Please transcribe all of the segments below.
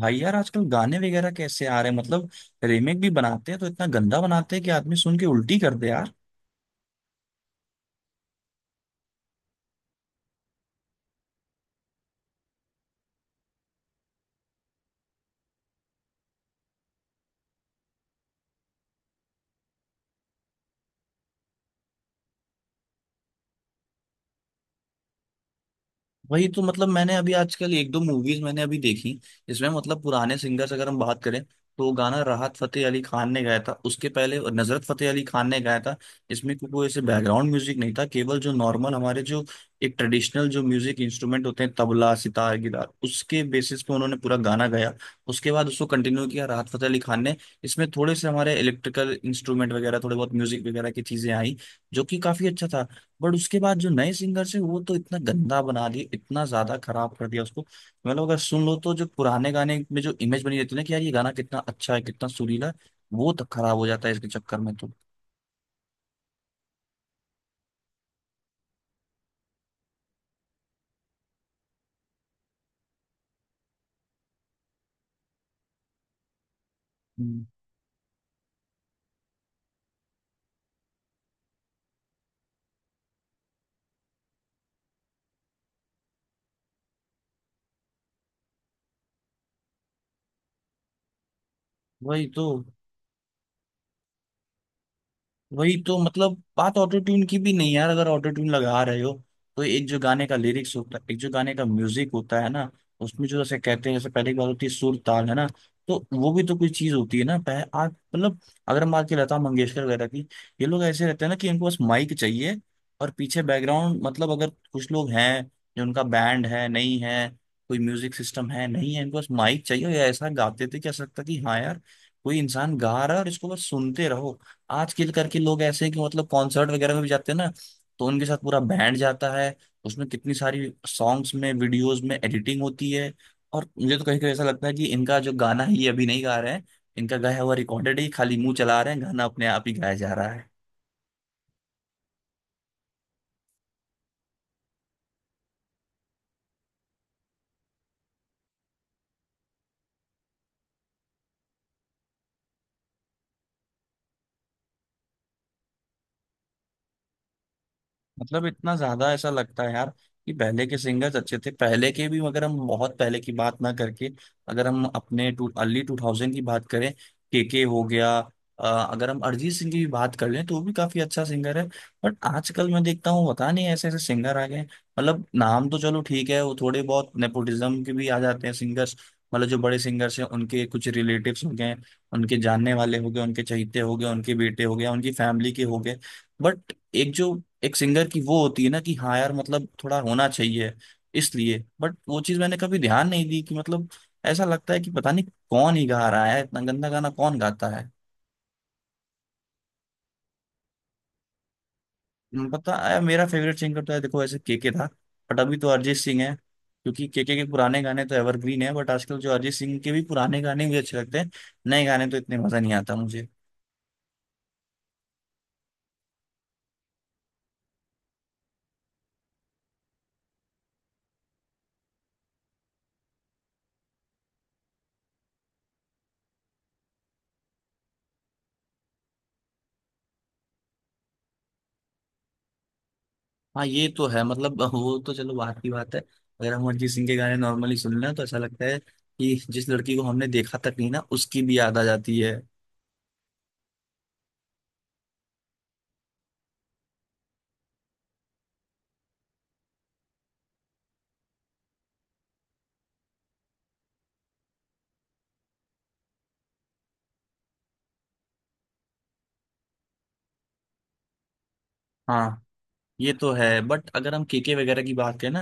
भाई यार, आजकल गाने वगैरह कैसे आ रहे हैं? मतलब रीमेक भी बनाते हैं तो इतना गंदा बनाते हैं कि आदमी सुन के उल्टी कर दे। वही तो मतलब मैंने अभी आजकल एक दो मूवीज मैंने अभी देखी। इसमें मतलब पुराने सिंगर्स अगर हम बात करें तो गाना राहत फतेह अली खान ने गाया था, उसके पहले नजरत फतेह अली खान ने गाया था। इसमें कोई कोई ऐसे बैकग्राउंड म्यूजिक नहीं था, केवल जो नॉर्मल हमारे जो एक ट्रेडिशनल जो म्यूजिक इंस्ट्रूमेंट होते हैं तबला सितार गिटार उसके बेसिस पे उन्होंने पूरा गाना गाया। उसके बाद उसको कंटिन्यू किया राहत फतेह अली खान ने। इसमें थोड़े से हमारे इलेक्ट्रिकल इंस्ट्रूमेंट वगैरह थोड़े बहुत म्यूजिक वगैरह की चीजें आई, जो कि काफी अच्छा था। बट उसके बाद जो नए सिंगर्स हैं वो तो इतना गंदा बना दिए, इतना ज्यादा खराब कर दिया उसको। मतलब अगर सुन लो तो जो पुराने गाने में जो इमेज बनी रहती है ना कि यार ये गाना कितना अच्छा है कितना सुरीला है, वो तक खराब हो जाता है इसके चक्कर में तो। हम्म। वही तो वही तो मतलब बात ऑटो ट्यून की भी नहीं यार, अगर ऑटो ट्यून लगा रहे हो तो एक जो गाने का लिरिक्स होता है एक जो गाने का म्यूजिक होता है ना, उसमें जो जैसे कहते हैं, जैसे पहले की बात होती है सुर ताल है ना, तो वो भी तो कोई चीज होती है ना आज मतलब अगर हम बात की लता मंगेशकर वगैरह की। ये लोग ऐसे रहते हैं ना कि इनको बस माइक चाहिए और पीछे बैकग्राउंड। मतलब अगर कुछ लोग हैं जो उनका बैंड है नहीं है, कोई म्यूजिक सिस्टम है नहीं है, इनको बस माइक चाहिए या ऐसा गाते थे कि ऐसा लगता कि हाँ यार कोई इंसान गा रहा है और इसको बस सुनते रहो। आजकल करके लोग ऐसे हैं कि मतलब कॉन्सर्ट वगैरह में भी जाते हैं ना तो उनके साथ पूरा बैंड जाता है, उसमें कितनी सारी सॉन्ग्स में वीडियोस में एडिटिंग होती है। और मुझे तो कहीं कहीं ऐसा लगता है कि इनका जो गाना है ये अभी नहीं गा रहे हैं, इनका गाया हुआ रिकॉर्डेड ही खाली मुंह चला रहे हैं, गाना अपने आप ही गाया जा रहा है। मतलब इतना ज्यादा ऐसा लगता है यार कि पहले के सिंगर्स अच्छे थे पहले के भी, मगर हम बहुत पहले की बात ना करके अगर हम अपने टू अर्ली 2000 की बात करें, केके हो गया। अगर हम अरिजीत सिंह की भी बात कर लें तो वो भी काफी अच्छा सिंगर है। बट आजकल मैं देखता हूँ पता नहीं ऐसे ऐसे सिंगर आ गए हैं। मतलब नाम तो चलो ठीक है वो थोड़े बहुत नेपोटिज्म के भी आ जाते हैं सिंगर्स। मतलब जो बड़े सिंगर्स हैं उनके कुछ रिलेटिव्स हो गए, उनके जानने वाले हो गए, उनके चहेते हो गए, उनके बेटे हो गए, उनकी फैमिली के हो गए। बट एक जो एक सिंगर की वो होती है ना कि हाँ यार मतलब थोड़ा होना चाहिए इसलिए। बट वो चीज मैंने कभी ध्यान नहीं दी कि मतलब ऐसा लगता है कि पता नहीं कौन ही गा रहा है, इतना गंदा गाना कौन गाता है। पता है मेरा फेवरेट सिंगर तो है देखो, ऐसे केके था। बट अभी तो अरिजीत सिंह है क्योंकि केके के पुराने गाने तो एवरग्रीन है। बट आजकल जो अरिजीत सिंह के भी पुराने गाने मुझे अच्छे लगते हैं, नए गाने तो इतने मजा नहीं आता मुझे। हाँ ये तो है, मतलब वो तो चलो बात की बात है। अगर हम अरिजीत सिंह के गाने नॉर्मली सुन लें तो ऐसा लगता है कि जिस लड़की को हमने देखा तक नहीं ना उसकी भी याद आ जाती है। हाँ ये तो है। बट अगर हम केके वगैरह की बात करें ना,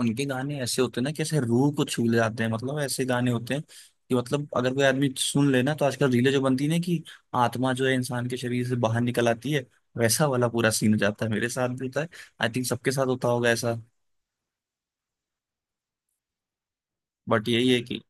उनके गाने ऐसे होते हैं ना कि ऐसे रूह को छू ले जाते हैं। मतलब ऐसे गाने होते हैं कि मतलब अगर कोई आदमी सुन ले ना, तो आजकल रीलें जो बनती है ना कि आत्मा जो है इंसान के शरीर से बाहर निकल आती है, वैसा वाला पूरा सीन हो जाता है। मेरे साथ भी होता है, आई थिंक सबके साथ होता होगा ऐसा। बट यही है कि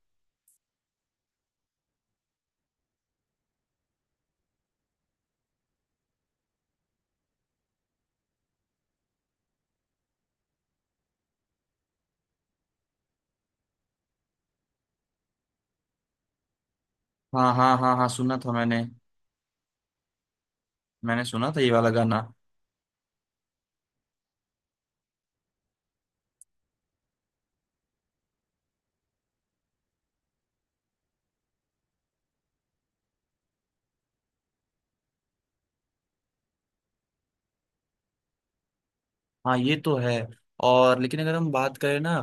हाँ हाँ हाँ हाँ, सुना था मैंने, मैंने सुना था ये वाला गाना। हाँ ये तो है। और लेकिन अगर हम बात करें ना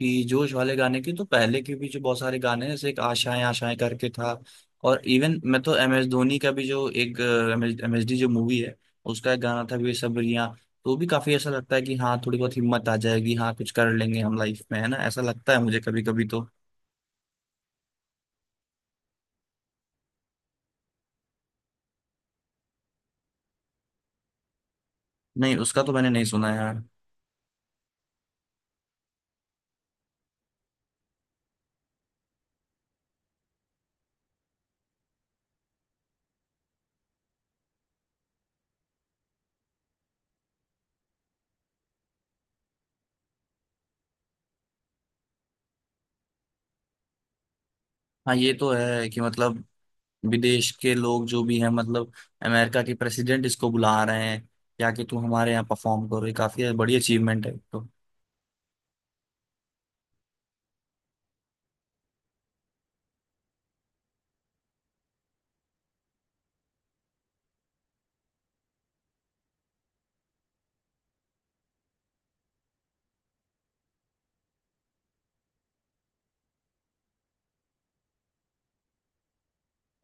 कि जोश वाले गाने की, तो पहले के भी जो बहुत सारे गाने हैं जैसे एक आशाएं आशाएं करके था। और इवन मैं तो एम एस धोनी का भी जो एक एम एस डी जो मूवी है उसका एक गाना था बेसब्रियां, तो भी काफी ऐसा लगता है कि हाँ थोड़ी बहुत हिम्मत आ जाएगी, हाँ कुछ कर लेंगे हम लाइफ में है ना, ऐसा लगता है मुझे कभी कभी तो। नहीं, उसका तो मैंने नहीं सुना यार। हाँ ये तो है कि मतलब विदेश के लोग जो भी हैं मतलब अमेरिका के प्रेसिडेंट इसको बुला रहे हैं या कि तुम हमारे यहाँ परफॉर्म करो, ये काफी बड़ी अचीवमेंट है तो।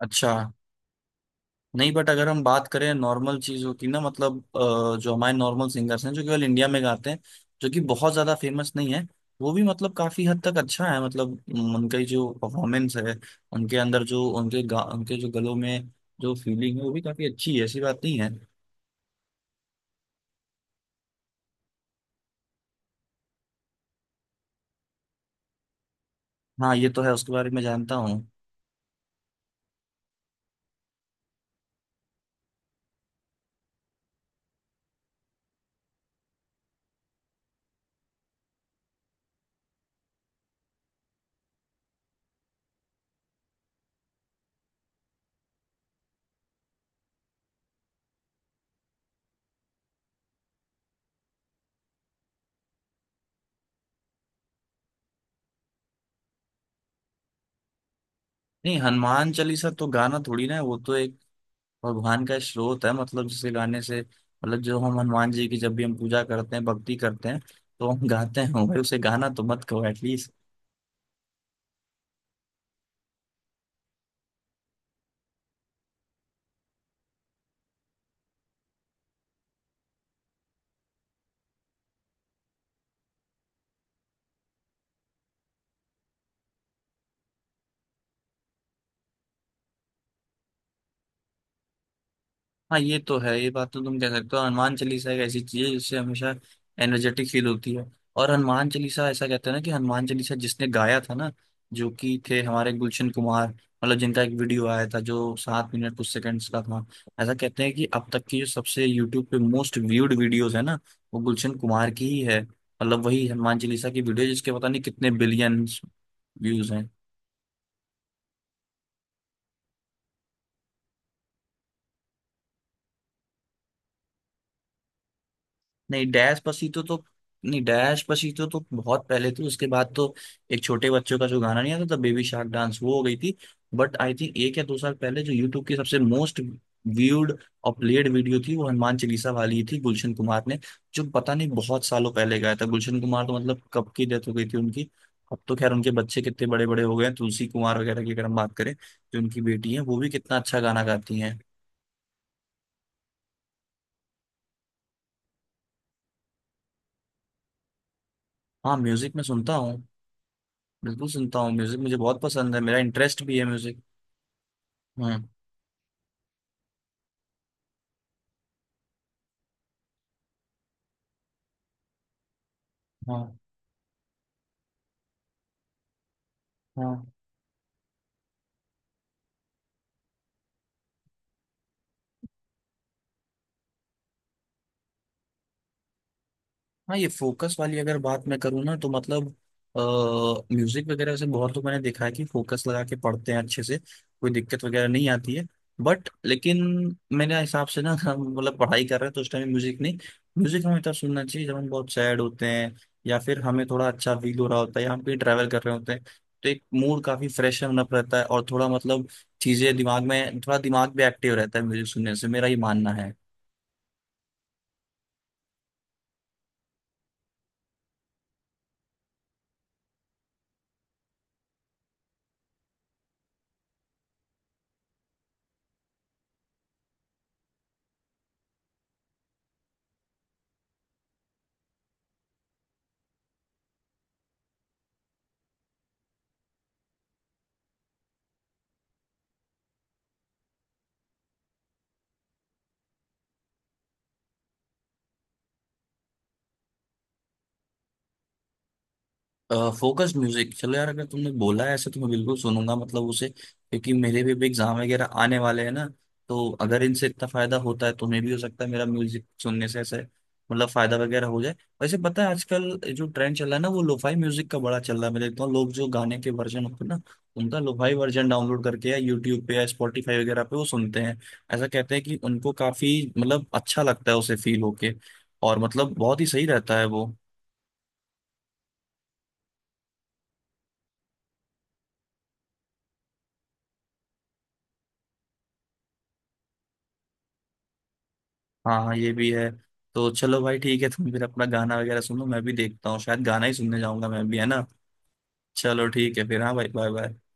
अच्छा। नहीं, बट अगर हम बात करें नॉर्मल चीज़ों की ना मतलब जो हमारे नॉर्मल सिंगर्स हैं जो केवल इंडिया में गाते हैं जो कि बहुत ज़्यादा फेमस नहीं है, वो भी मतलब काफ़ी हद तक अच्छा है। मतलब उनका ही जो परफॉर्मेंस है, उनके अंदर जो उनके गा उनके जो गलों में जो फीलिंग है वो भी काफ़ी अच्छी है, ऐसी बात नहीं है। हाँ ये तो है, उसके बारे में जानता हूँ। नहीं, हनुमान चालीसा तो गाना थोड़ी ना है, वो तो एक भगवान का स्रोत है। मतलब जिसे गाने से मतलब जो हम हनुमान जी की जब भी हम पूजा करते हैं भक्ति करते हैं तो हम गाते हैं भाई, उसे गाना तो मत कहो। हाँ ये तो है, ये बात तो तुम कह सकते हो। हनुमान चालीसा एक ऐसी चीज है जिससे हमेशा एनर्जेटिक फील होती है। और हनुमान चालीसा ऐसा कहते हैं ना कि हनुमान चालीसा जिसने गाया था ना, जो कि थे हमारे गुलशन कुमार, मतलब जिनका एक वीडियो आया था जो 7 मिनट कुछ सेकंड्स का था। ऐसा कहते हैं कि अब तक की जो सबसे यूट्यूब पे मोस्ट व्यूड वीडियोस है ना, वो गुलशन कुमार की ही है। मतलब वही हनुमान चालीसा की वीडियो जिसके पता नहीं कितने बिलियन व्यूज हैं। नहीं डैश पसीतो तो नहीं, डैश पसीतो तो बहुत पहले थी, उसके बाद तो एक छोटे बच्चों का जो गाना नहीं आता था बेबी शार्क डांस, वो हो गई थी। बट आई थिंक एक या दो साल पहले जो यूट्यूब की सबसे मोस्ट व्यूड और प्लेड वीडियो थी, वो हनुमान चालीसा वाली थी। गुलशन कुमार ने जो पता नहीं बहुत सालों पहले गाया था, गुलशन कुमार तो मतलब कब की डेथ हो गई थी उनकी। अब तो खैर उनके बच्चे कितने बड़े बड़े हो गए हैं, तुलसी कुमार वगैरह की अगर हम बात करें जो उनकी बेटी है, वो भी कितना अच्छा गाना गाती हैं। हाँ म्यूजिक में सुनता हूँ, बिल्कुल सुनता हूँ म्यूजिक मुझे बहुत पसंद है, मेरा इंटरेस्ट भी है म्यूजिक। हम्म। हाँ हाँ हाँ। ये फोकस वाली अगर बात मैं करूँ ना तो मतलब आ, म्यूजिक वगैरह से बहुत तो मैंने देखा है कि फोकस लगा के पढ़ते हैं अच्छे से, कोई दिक्कत वगैरह नहीं आती है। बट लेकिन मेरे हिसाब से ना, हम मतलब पढ़ाई कर रहे हैं तो उस टाइम म्यूजिक नहीं। म्यूजिक हमें तब सुनना चाहिए जब हम बहुत सैड होते हैं, या फिर हमें थोड़ा अच्छा फील हो रहा होता है या हम कहीं ट्रैवल कर रहे होते हैं, तो एक मूड काफी फ्रेश होना रहता है और थोड़ा मतलब चीजें दिमाग में, थोड़ा दिमाग भी एक्टिव रहता है म्यूजिक सुनने से, मेरा ये मानना है। फोकस म्यूजिक चलो यार, अगर तुमने बोला है ऐसे तो मैं बिल्कुल सुनूंगा मतलब उसे, क्योंकि मेरे भी एग्जाम वगैरह आने वाले हैं ना। तो अगर इनसे इतना फायदा होता है, तुम्हें भी हो सकता है मेरा म्यूजिक सुनने से ऐसे मतलब फायदा वगैरह हो जाए। वैसे पता है आजकल जो ट्रेंड चल रहा है ना, वो लोफाई म्यूजिक का बड़ा चल रहा है। मैं देखता हूँ लोग जो गाने के वर्जन होते हैं ना, उनका लोफाई वर्जन डाउनलोड करके या यूट्यूब पे या स्पॉटिफाई वगैरह पे वो सुनते हैं। ऐसा कहते हैं कि उनको काफी मतलब अच्छा लगता है उसे फील होके, और मतलब बहुत ही सही रहता है वो। हाँ हाँ, ये भी है। तो चलो भाई ठीक है, तुम फिर अपना गाना वगैरह सुनो, मैं भी देखता हूँ, शायद गाना ही सुनने जाऊंगा मैं भी है ना। चलो ठीक है फिर, हाँ भाई, बाय बाय।